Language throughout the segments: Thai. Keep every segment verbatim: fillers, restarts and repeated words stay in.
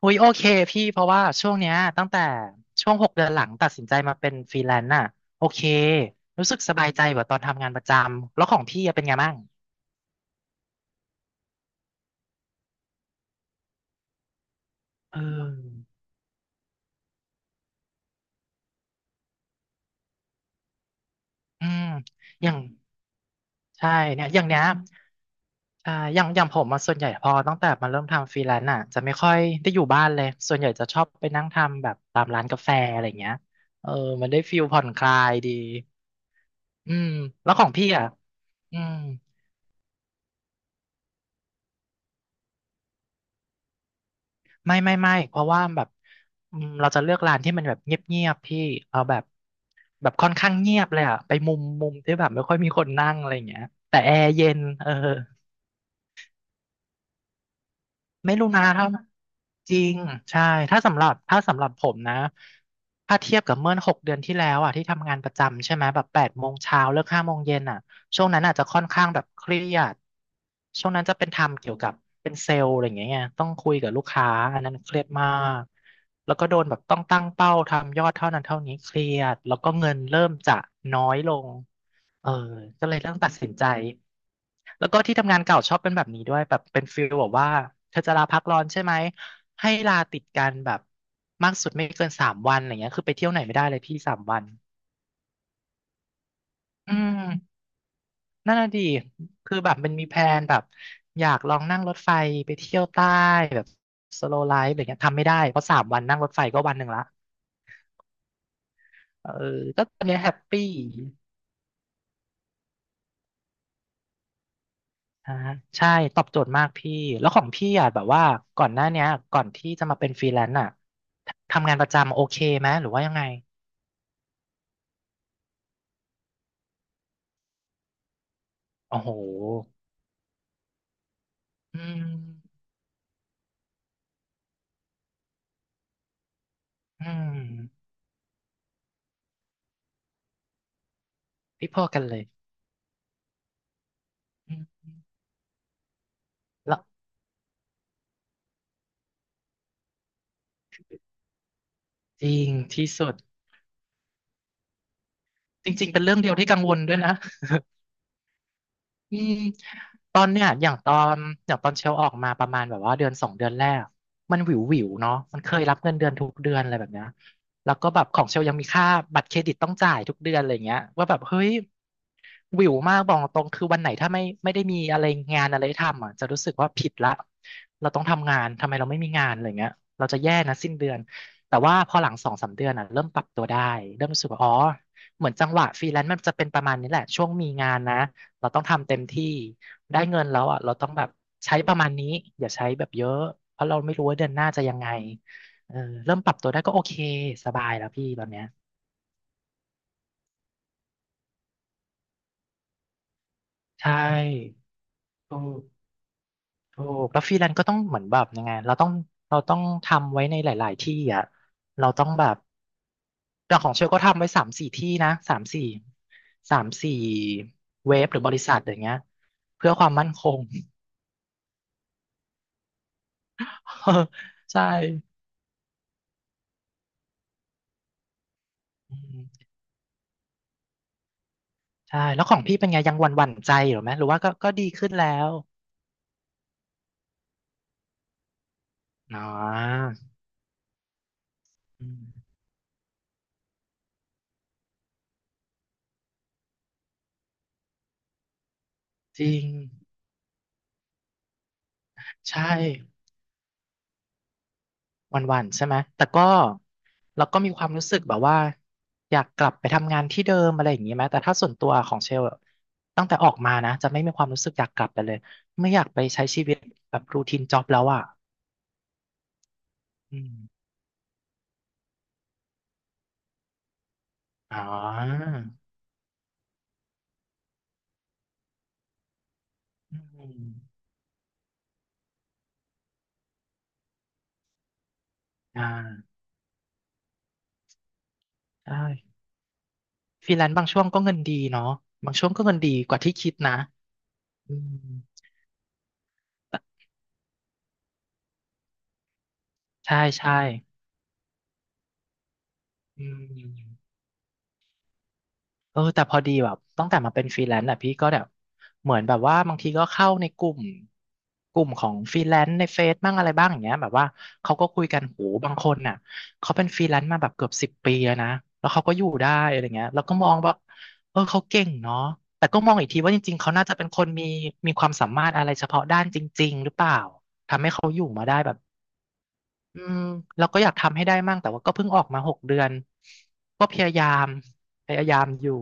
อุ้ยโอเคพี่เพราะว่าช่วงเนี้ยตั้งแต่ช่วงหกเดือนหลังตัดสินใจมาเป็นฟรีแลนซ์น่ะโอเครู้สึกสบายใจกว่าตอนทำงานประจำแล้วของพี่อะเป็นไงบ้างเอออืมอย่างใช่เนี่ยอย่างเนี้ยใช่อย่างอย่างผมมาส่วนใหญ่พอตั้งแต่มาเริ่มทำฟรีแลนซ์น่ะจะไม่ค่อยได้อยู่บ้านเลยส่วนใหญ่จะชอบไปนั่งทำแบบตามร้านกาแฟอะไรเงี้ยเออมันได้ฟิลผ่อนคลายดีอืมแล้วของพี่อ่ะอืม ไม่ไม่ไม่เพราะว่าแบบอืมเราจะเลือกร้านที่มันแบบเงียบๆพี่เอาแบบแบบค่อนข้างเงียบเลยอะไปมุมมุมที่แบบไม่ค่อยมีคนนั่งอะไรอย่างเงี้ยแต่แอร์เย็นเออ ไม่รู้นะถ้าจริงใช่ถ้าสำหรับถ้าสำหรับผมนะถ้าเทียบกับเมื่อหกเดือนที่แล้วอ่ะที่ทำงานประจำใช่ไหมแบบแปดโมงเช้าเลิกห้าโมงเย็นอ่ะช่วงนั้นอาจจะค่อนข้างแบบเครียดช่วงนั้นจะเป็นทำเกี่ยวกับเป็นเซลล์อะไรอย่างเงี้ยไงต้องคุยกับลูกค้าอันนั้นเครียดมากแล้วก็โดนแบบต้องตั้งเป้าทำยอดเท่านั้นเท่านี้เครียดแล้วก็เงินเริ่มจะน้อยลง เออก็เลยต้องตัดสินใจ แล้วก็ที่ทำงานเก่าชอบเป็นแบบนี้ด้วยแบบเป็นฟีลแบบว่าเธอจะลาพักร้อนใช่ไหมให้ลาติดกันแบบมากสุดไม่เกินสามวันอย่างเงี้ยคือไปเที่ยวไหนไม่ได้เลยพี่สามวันอืมนั่นน่ะดี คือแบบมันมีแพลนแบบอยากลองนั่งรถไฟไปเที่ยวใต้แบบสโลไลฟ์อะไรเงี้ยทำไม่ได้เพราะสามวันนั่งรถไฟก็วันหนึ่งละเออก็ตอนเนี้ยแฮปปี้ อ่าใช่ตอบโจทย์มากพี่แล้วของพี่อ่ะแบบว่าก่อนหน้าเนี้ยก่อนที่จะมาเป็นฟรีแลนซ์อ่ะทำงานประจำโอเคไหมหรือว่ายังไงโอ้โหอืมอืมพี่พอกันเลยอืมแล้วจริงที่สุดจริงๆเป็นเรื่องเดียวที่กังวลด้วยนะ อืมตอนเนี้ยอย่างตอนอย่างตอนเชลออกมาประมาณแบบว่าเดือนสองเดือนแรกมันวิววิวเนาะมันเคยรับเงินเดือนทุกเดือนอะไรแบบเนี้ยแล้วก็แบบของเชลยังมีค่าบัตรเครดิตต้องจ่ายทุกเดือนอะไรเงี้ยว่าแบบเฮ้ยวิวมากบอกตรงคือวันไหนถ้าไม่ไม่ได้มีอะไรงานอะไรทำอ่ะจะรู้สึกว่าผิดละเราต้องทำงานทำไมเราไม่มีงานอะไรเงี้ยเราจะแย่นะสิ้นเดือนแต่ว่าพอหลังสองสามเดือนอ่ะเริ่มปรับตัวได้เริ่มรู้สึกว่าอ๋อเหมือนจังหวะฟรีแลนซ์มันจะเป็นประมาณนี้แหละช่วงมีงานนะ เราต้องทำเต็มที่ได้เงินแล้วอ่ะเราต้องแบบใช้ประมาณนี้อย่าใช้แบบเยอะเพราะเราไม่รู้ว่าเดือนหน้าจะยังไงเออเริ่มปรับตัวได้ก็โอเคสบายแล้วพี่ตอนเนี้ยใช่ถูกถูกแล้วฟรีแลนซ์ก็ต้องเหมือนแบบยังไงเราต้องเราต้องทำไว้ในหลายๆที่อ่ะเราต้องแบบอย่างของเชลก็ทำไว้สามสี่ที่นะสามสี่สามสี่เว็บหรือบริษัทอย่างเงี้ยเพื่อความมั่นคง ใช่อืม ใช่แล้วของพี่เป็นไงยังหวั่นหวั่นใจอยู่ไหมหรือว่าก็ก็ดีขึ้นแล้วอ๋ออืมจริงใช่หวั่นหวั่นใช่ไหมแต่ก็เราก็มีความรู้สึกแบบว่าอยากกลับไปทำงานที่เดิมอะไรอย่างนี้ไหมแต่ถ้าส่วนตัวของเชลอะตั้งแต่ออกมานะจะไม่มีความรู้สึกอยากกลับไปเลยไม่อยากไปใช้ชีวิตแบบรูทีนจ็อบแล้วอ่ะอืมอ๋ออืมอ่าใช่ฟรีแลนซ์บางช่วงก็เงินดีเนาะบางช่วงก็เงินดีกว่าที่คิดนะอืม ใช่ใช่อืมเออแต่พอดีแบบตั้งแต่มาเป็นฟรีแลนซ์อ่ะพี่ก็แบบเหมือนแบบว่าบางทีก็เข้าในกลุ่มกลุ่มของฟรีแลนซ์ในเฟซบ้างอะไรบ้างอย่างเงี้ยแบบว่าเขาก็คุยกันโหบางคนน่ะเขาเป็นฟรีแลนซ์มาแบบเกือบสิบปีแล้วนะแล้วเขาก็อยู่ได้อะไรเงี้ยแล้วก็มองแบบเออเขาเก่งเนาะแต่ก็มองอีกทีว่าจริงๆเขาน่าจะเป็นคนมีมีความสามารถอะไรเฉพาะด้านจริงๆหรือเปล่าทำให้เขาอยู่มาได้แบบ อืมเราก็อยากทำให้ได้มั่งแต่ว่าก็เพิ่งออกมาหกเดือนก็พยายามพยายามอยู่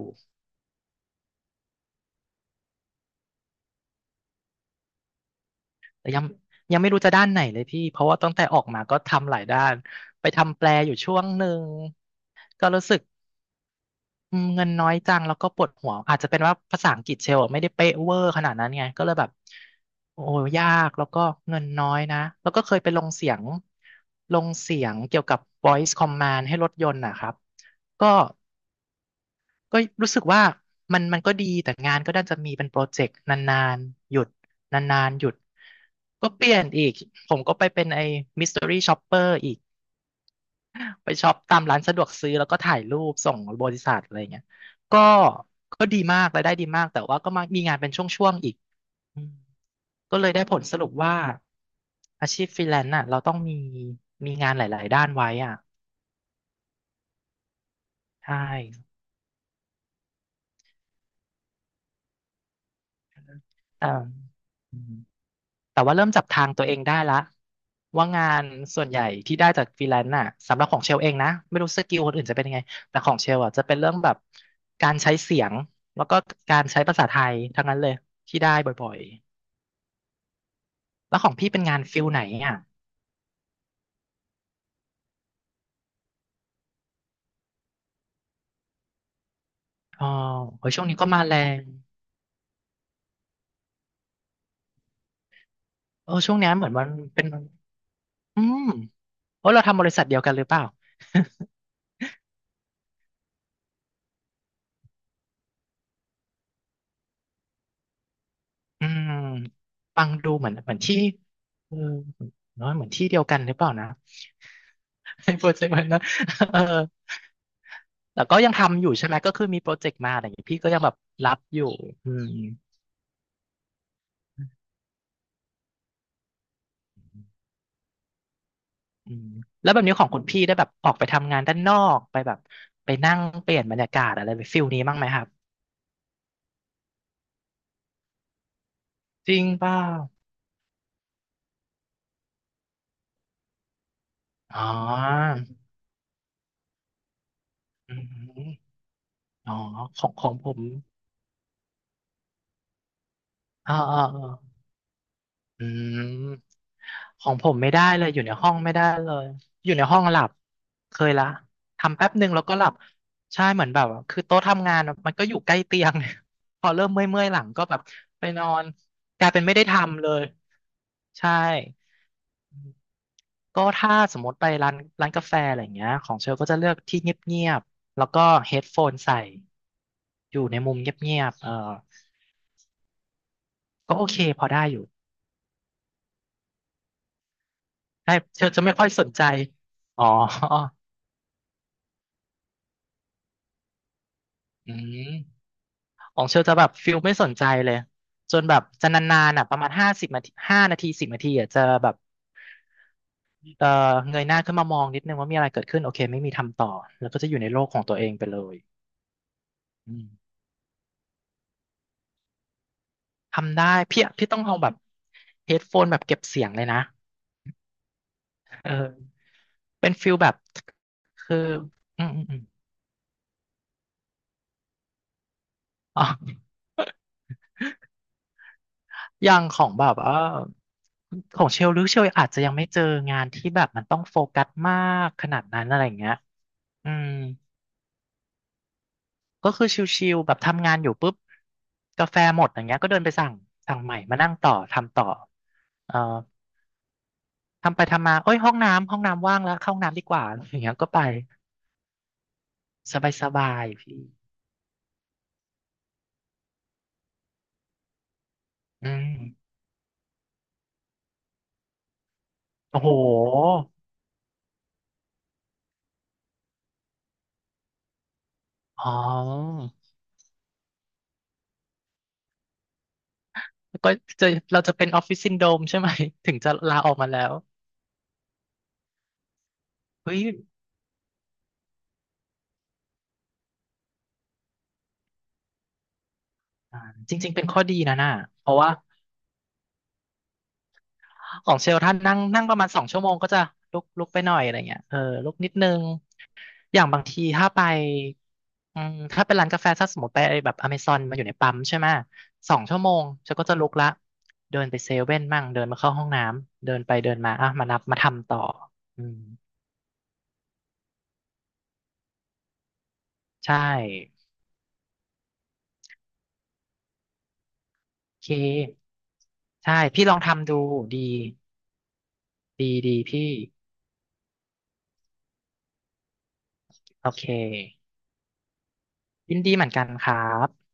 แต่ยังยังไม่รู้จะด้านไหนเลยพี่เพราะว่าตั้งแต่ออกมาก็ทำหลายด้านไปทำแปลอยู่ช่วงหนึ่งก็รู้สึกอืมเงินน้อยจังแล้วก็ปวดหัวอาจจะเป็นว่าภาษาอังกฤษเชลอะไม่ได้เป๊ะเวอร์ขนาดนั้นไงก็เลยแบบโอ้ยากแล้วก็เงินน้อยนะแล้วก็เคยไปลงเสียงลงเสียงเกี่ยวกับ voice command ให้รถยนต์นะครับก็ ก็รู้สึกว่ามันมันก็ดีแต่งานก็น่าจะมีเป็นโปรเจกต์นานๆหยุดนานๆหยุดก็เปลี่ยนอีกผมก็ไปเป็นไอ้มิส t ต r y ี่ช็อปเปอร์อีกไปช็อปตามร้านสะดวกซื้อแล้วก็ถ่ายรูปส่งบริษัทอะไรเงี้ยก็ก็ดีมากรายได้ดีมากแต่ว่าก็มามีงานเป็นช่วงๆอีกอืมก็เลยได้ผลสรุปว่าอาชีพฟรีแลนซ์น่ะเราต้องมีมีงานหลายๆด้านไว้อ่ะใช่แต่ แต่ว่าเริ่มจับทางตัวเองได้ละว่างานส่วนใหญ่ที่ได้จากฟรีแลนซ์น่ะสำหรับของเชลเองนะไม่รู้สกิลคนอื่นจะเป็นยังไงแต่ของเชลอ่ะจะเป็นเรื่องแบบการใช้เสียงแล้วก็การใช้ภาษาไทยทั้งนั้นเลยที่ได้บ่อยๆแล้วของพี่เป็นงานฟิลไหนอ่ะอ๋อโอ้ยช่วงนี้ก็มาแรงเออช่วงเนี้ยเหมือนมันเป็นอืมโอ้ยเราทำบริษัทเดียวกันหรือเปล่าอืมฟังดูเหมือนเหมือนที่เออเนอะเหมือนที่เดียวกันหรือเปล่านะ ให้โปรเจกต์มันนะ เออแต่ก็ยังทำอยู่ใช่ไหม ก็คือมีโปรเจกต์มาอะไรอย่างงี้พี่ก็ยังแบบรับอยู่ อืม อืม แล้วแบบนี้ของคุณพี่ได้แบบออกไปทำงานด้านนอกไปแบบไปนั่งเปลี่ยนบรรยากาศอะไรไปฟิลนี้บ้างไหมครับ จริงเปล่าอ๋ออืมอ๋อ ของของผมอ่าอ่า อืมของผมไม่ได้เลยอยู่ในห้องไม่ได้เลยอยู่ในห้องหลับเคยละทำแป๊บหนึ่งแล้วก็หลับใช่เหมือนแบบคือโต๊ะทำงานอะมันก็อยู่ใกล้เตียง พอเริ่มเมื่อยๆหลังก็แบบไปนอนกลายเป็นไม่ได้ทำเลยใช่ก็ถ้าสมมติไปร้านร้านกาแฟอะไรอย่างเงี้ยของเชลก็จะเลือกที่เงียบๆแล้วก็เฮดโฟนใส่อยู่ในมุมเงียบๆเออก็โอเคพอได้อยู่ ใช่เชลจะไม่ค่อยสนใจอ๋อ อืมของเชลจะแบบฟิลไม่สนใจเลยจนแบบจะนานๆอ่ะประมาณห้าสิบนาทีห้านาทีสิบนาทีอ่ะจะแบบเออเงยหน้าขึ้นมามองนิดนึงว่ามีอะไรเกิดขึ้นโอเคไม่มีทำต่อแล้วก็จะอยู่ในโลกของตัวเองไปเลยอืมทำได้พี่พี่ต้องเอาแบบเฮดโฟนแบบเก็บเสียงเลยนะเออเป็นฟิลแบบคืออืมอืมอมอ๋อ อย่างของแบบเออของเชลหรือเชลอาจจะยังไม่เจองานที่แบบมันต้องโฟกัสมากขนาดนั้นอะไรอย่างเงี้ยอืมก็คือชิลๆแบบทำงานอยู่ปุ๊บกาแฟหมดอย่างเงี้ยก็เดินไปสั่งสั่งใหม่มานั่งต่อทำต่อเอ่อทำไปทำมาเอ้ยห้องน้ำห้องน้ำว่างแล้วเข้าห้องน้ำดีกว่าอย่างเงี้ยก็ไปสบายๆพี่อืมโอ้โหอ๋อก็จะเราจะเป็นออฟฟิศซินโดรมใช่ไหม ถึงจะลาออกมาแล้วเฮ้ย อ่าจริงๆเป็นข้อดีนะน่ะเพราะว่าของเชลท่านนั่งนั่งประมาณสองชั่วโมงก็จะลุกลุกไปหน่อยอะไรเงี้ยเออลุกนิดนึง อย่างบางทีถ้าไปอืมถ้าเป็นร้านกาแฟถ้าสมมติไปแบบอเมซอนมาอยู่ในปั๊มใช่ไหมสองชั่วโมงเชลก็จะลุกละเดินไปเซเว่นมั่งเดินมาเข้าห้องน้ำเดินไปเดินมาอ่ะมานับมาทำต่ออืมใช่โอเคใช่พี่ลองทำดูดีดีดีพี่โอเคยินดีเหมือนกันครับ